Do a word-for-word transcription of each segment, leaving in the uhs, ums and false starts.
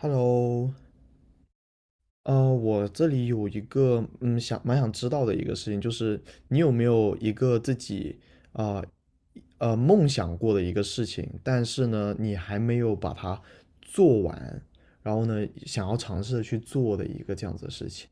Hello，呃，我这里有一个嗯，想蛮想知道的一个事情，就是你有没有一个自己啊呃，呃梦想过的一个事情，但是呢，你还没有把它做完，然后呢，想要尝试的去做的一个这样子的事情。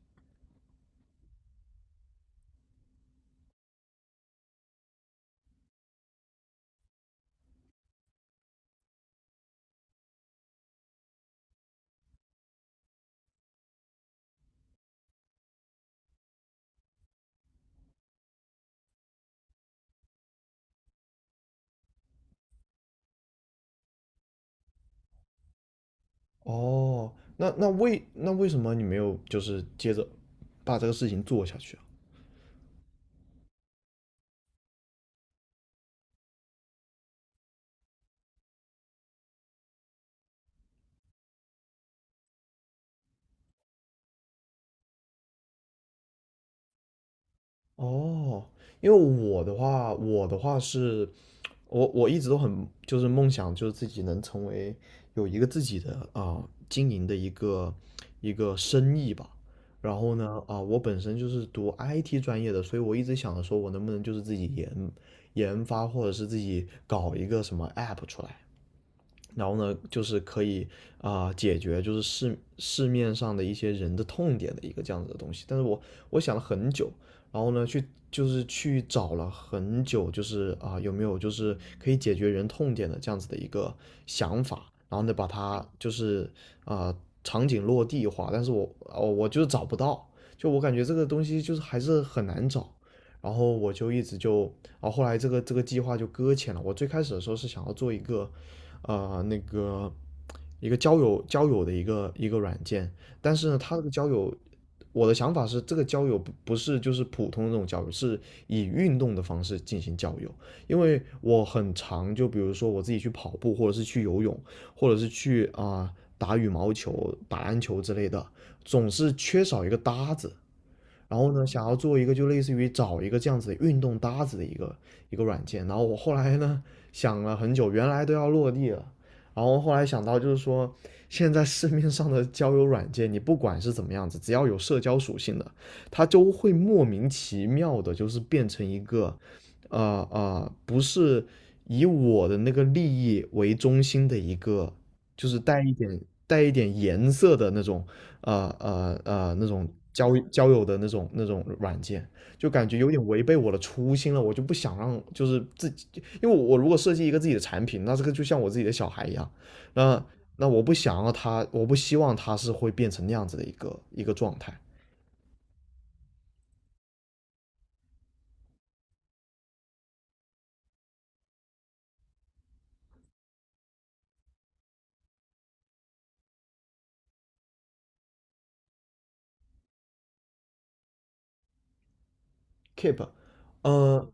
哦，那那为那为什么你没有就是接着把这个事情做下去啊？哦，因为我的话，我的话是，我我一直都很就是梦想，就是自己能成为有一个自己的啊、经营的一个一个生意吧。然后呢，啊、我本身就是读 I T 专业的，所以我一直想着说我能不能就是自己研研发，或者是自己搞一个什么 app 出来。然后呢，就是可以啊、呃解决就是市市面上的一些人的痛点的一个这样子的东西。但是我我想了很久，然后呢去就是去找了很久，就是啊、呃有没有就是可以解决人痛点的这样子的一个想法，然后呢把它就是啊、呃场景落地化，但是我哦我就是找不到，就我感觉这个东西就是还是很难找。然后我就一直就，啊后后来这个这个计划就搁浅了。我最开始的时候是想要做一个呃那个一个交友交友的一个一个软件，但是呢，它这个交友，我的想法是这个交友不不是就是普通的那种交友，是以运动的方式进行交友，因为我很常就比如说我自己去跑步，或者是去游泳，或者是去啊、打羽毛球、打篮球之类的，总是缺少一个搭子。然后呢，想要做一个就类似于找一个这样子的运动搭子的一个一个软件。然后我后来呢想了很久，原来都要落地了，然后后来想到就是说，现在市面上的交友软件，你不管是怎么样子，只要有社交属性的，它就会莫名其妙的，就是变成一个，呃呃，不是以我的那个利益为中心的一个，就是带一点带一点颜色的那种呃呃呃那种交交友的那种那种软件，就感觉有点违背我的初心了。我就不想让就是自己，因为我我如果设计一个自己的产品，那这个就像我自己的小孩一样，那那我不想要他，我不希望他是会变成那样子的一个一个状态。Keep，呃，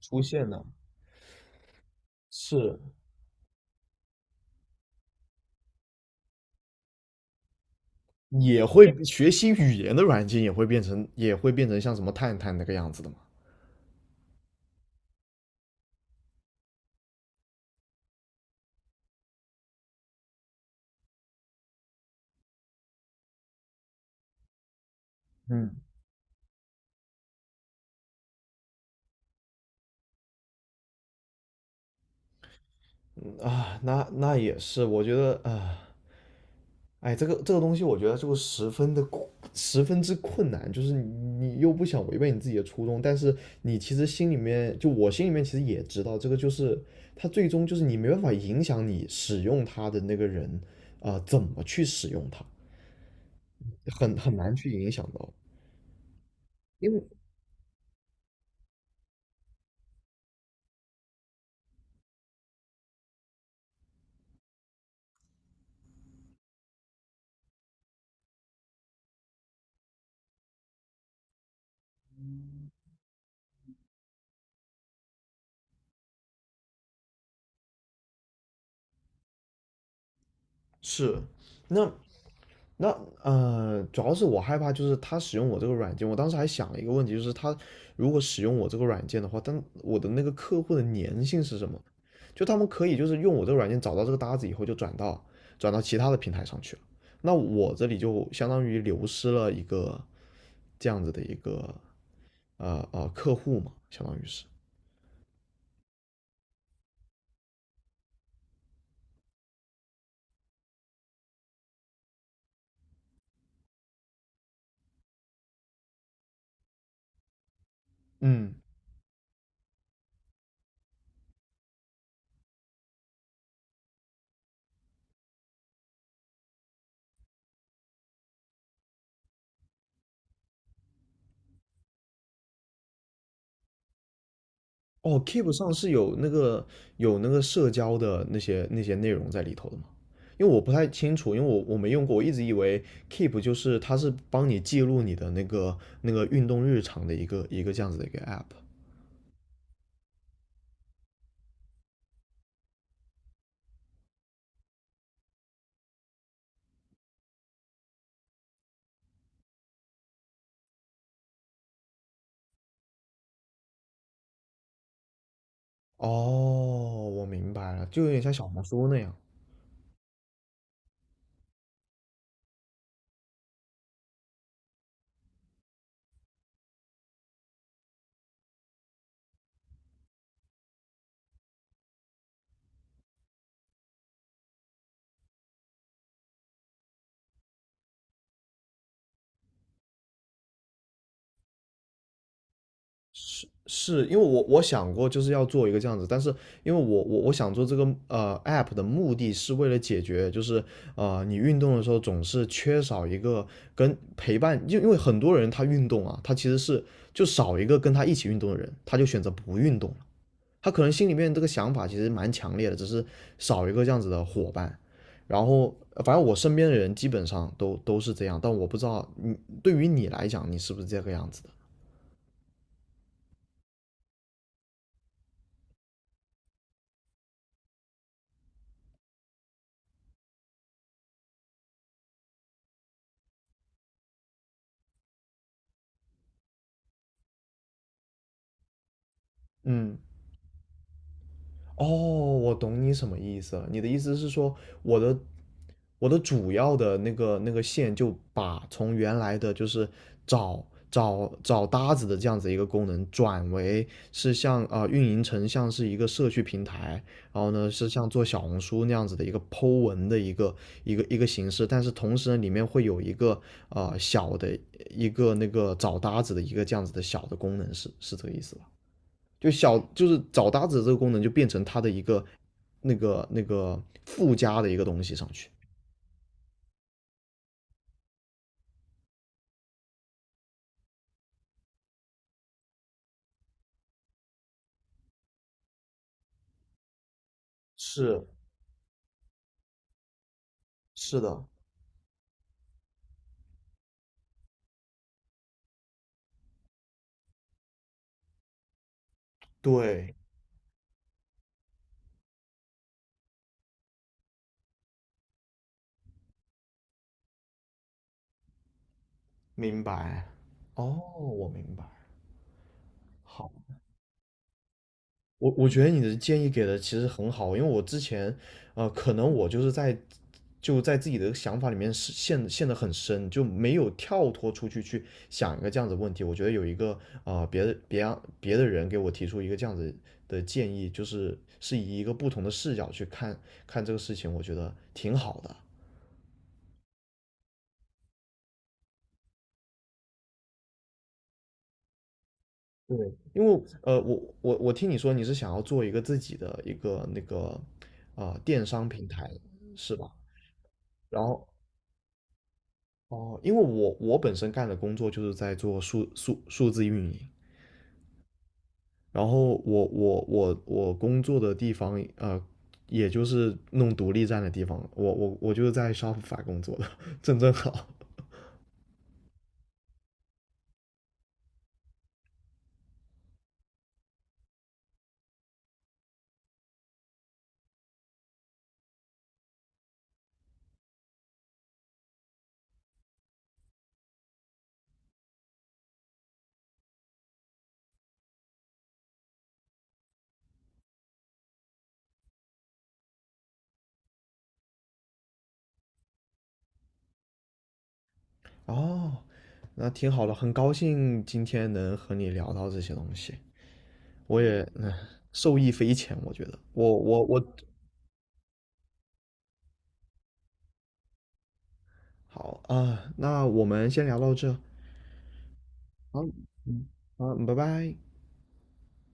出现了。是。也会学习语言的软件也会变成也会变成像什么探探那个样子的嘛？嗯，啊，那那也是，我觉得啊，哎，这个这个东西，我觉得就十分的十分之困难，就是你你又不想违背你自己的初衷，但是你其实心里面，就我心里面其实也知道，这个就是它最终就是你没办法影响你使用它的那个人啊、呃怎么去使用它，很很难去影响到。因为是，那那呃，主要是我害怕，就是他使用我这个软件。我当时还想了一个问题，就是他如果使用我这个软件的话，但我的那个客户的粘性是什么？就他们可以就是用我这个软件找到这个搭子以后，就转到转到其他的平台上去了。那我这里就相当于流失了一个这样子的一个呃呃客户嘛，相当于是。嗯。哦，Keep 上是有那个有那个社交的那些那些内容在里头的吗？因为我不太清楚，因为我我没用过，我一直以为 Keep 就是它是帮你记录你的那个那个运动日常的一个一个这样子的一个 app。哦，我明白了，就有点像小红书那样。是是因为我我想过就是要做一个这样子，但是因为我我我想做这个呃 app 的目的是为了解决，就是呃你运动的时候总是缺少一个跟陪伴，因因为很多人他运动啊，他其实是就少一个跟他一起运动的人，他就选择不运动了。他可能心里面这个想法其实蛮强烈的，只是少一个这样子的伙伴。然后呃反正我身边的人基本上都都是这样，但我不知道你对于你来讲，你是不是这个样子的？嗯。哦，我懂你什么意思了。你的意思是说，我的我的主要的那个那个线就把从原来的就是找找找搭子的这样子一个功能，转为是像啊、呃运营成像是一个社区平台，然后呢是像做小红书那样子的一个 Po 文的一个一个一个形式，但是同时呢里面会有一个呃小的一个那个找搭子的一个这样子的小的功能，是是这个意思吧？就小就是找搭子这个功能就变成它的一个那个那个附加的一个东西上去。是是的，对，明白。哦，我明白。好，我我觉得你的建议给的其实很好，因为我之前，呃，可能我就是在就在自己的想法里面是陷陷得很深，就没有跳脱出去去想一个这样子的问题。我觉得有一个啊、呃别的别让别的人给我提出一个这样子的建议，就是是以一个不同的视角去看看这个事情，我觉得挺好的。对，因为呃，我我我听你说你是想要做一个自己的一个那个啊、呃电商平台是吧？然后哦，因为我我本身干的工作就是在做数数数字运营，然后我我我我工作的地方呃，也就是弄独立站的地方，我我我就是在 Shopify 工作的，正正好。哦，那挺好的，很高兴今天能和你聊到这些东西，我也嗯受益匪浅，我觉得。我我我，好啊，那我们先聊到这。好。嗯。好，拜拜。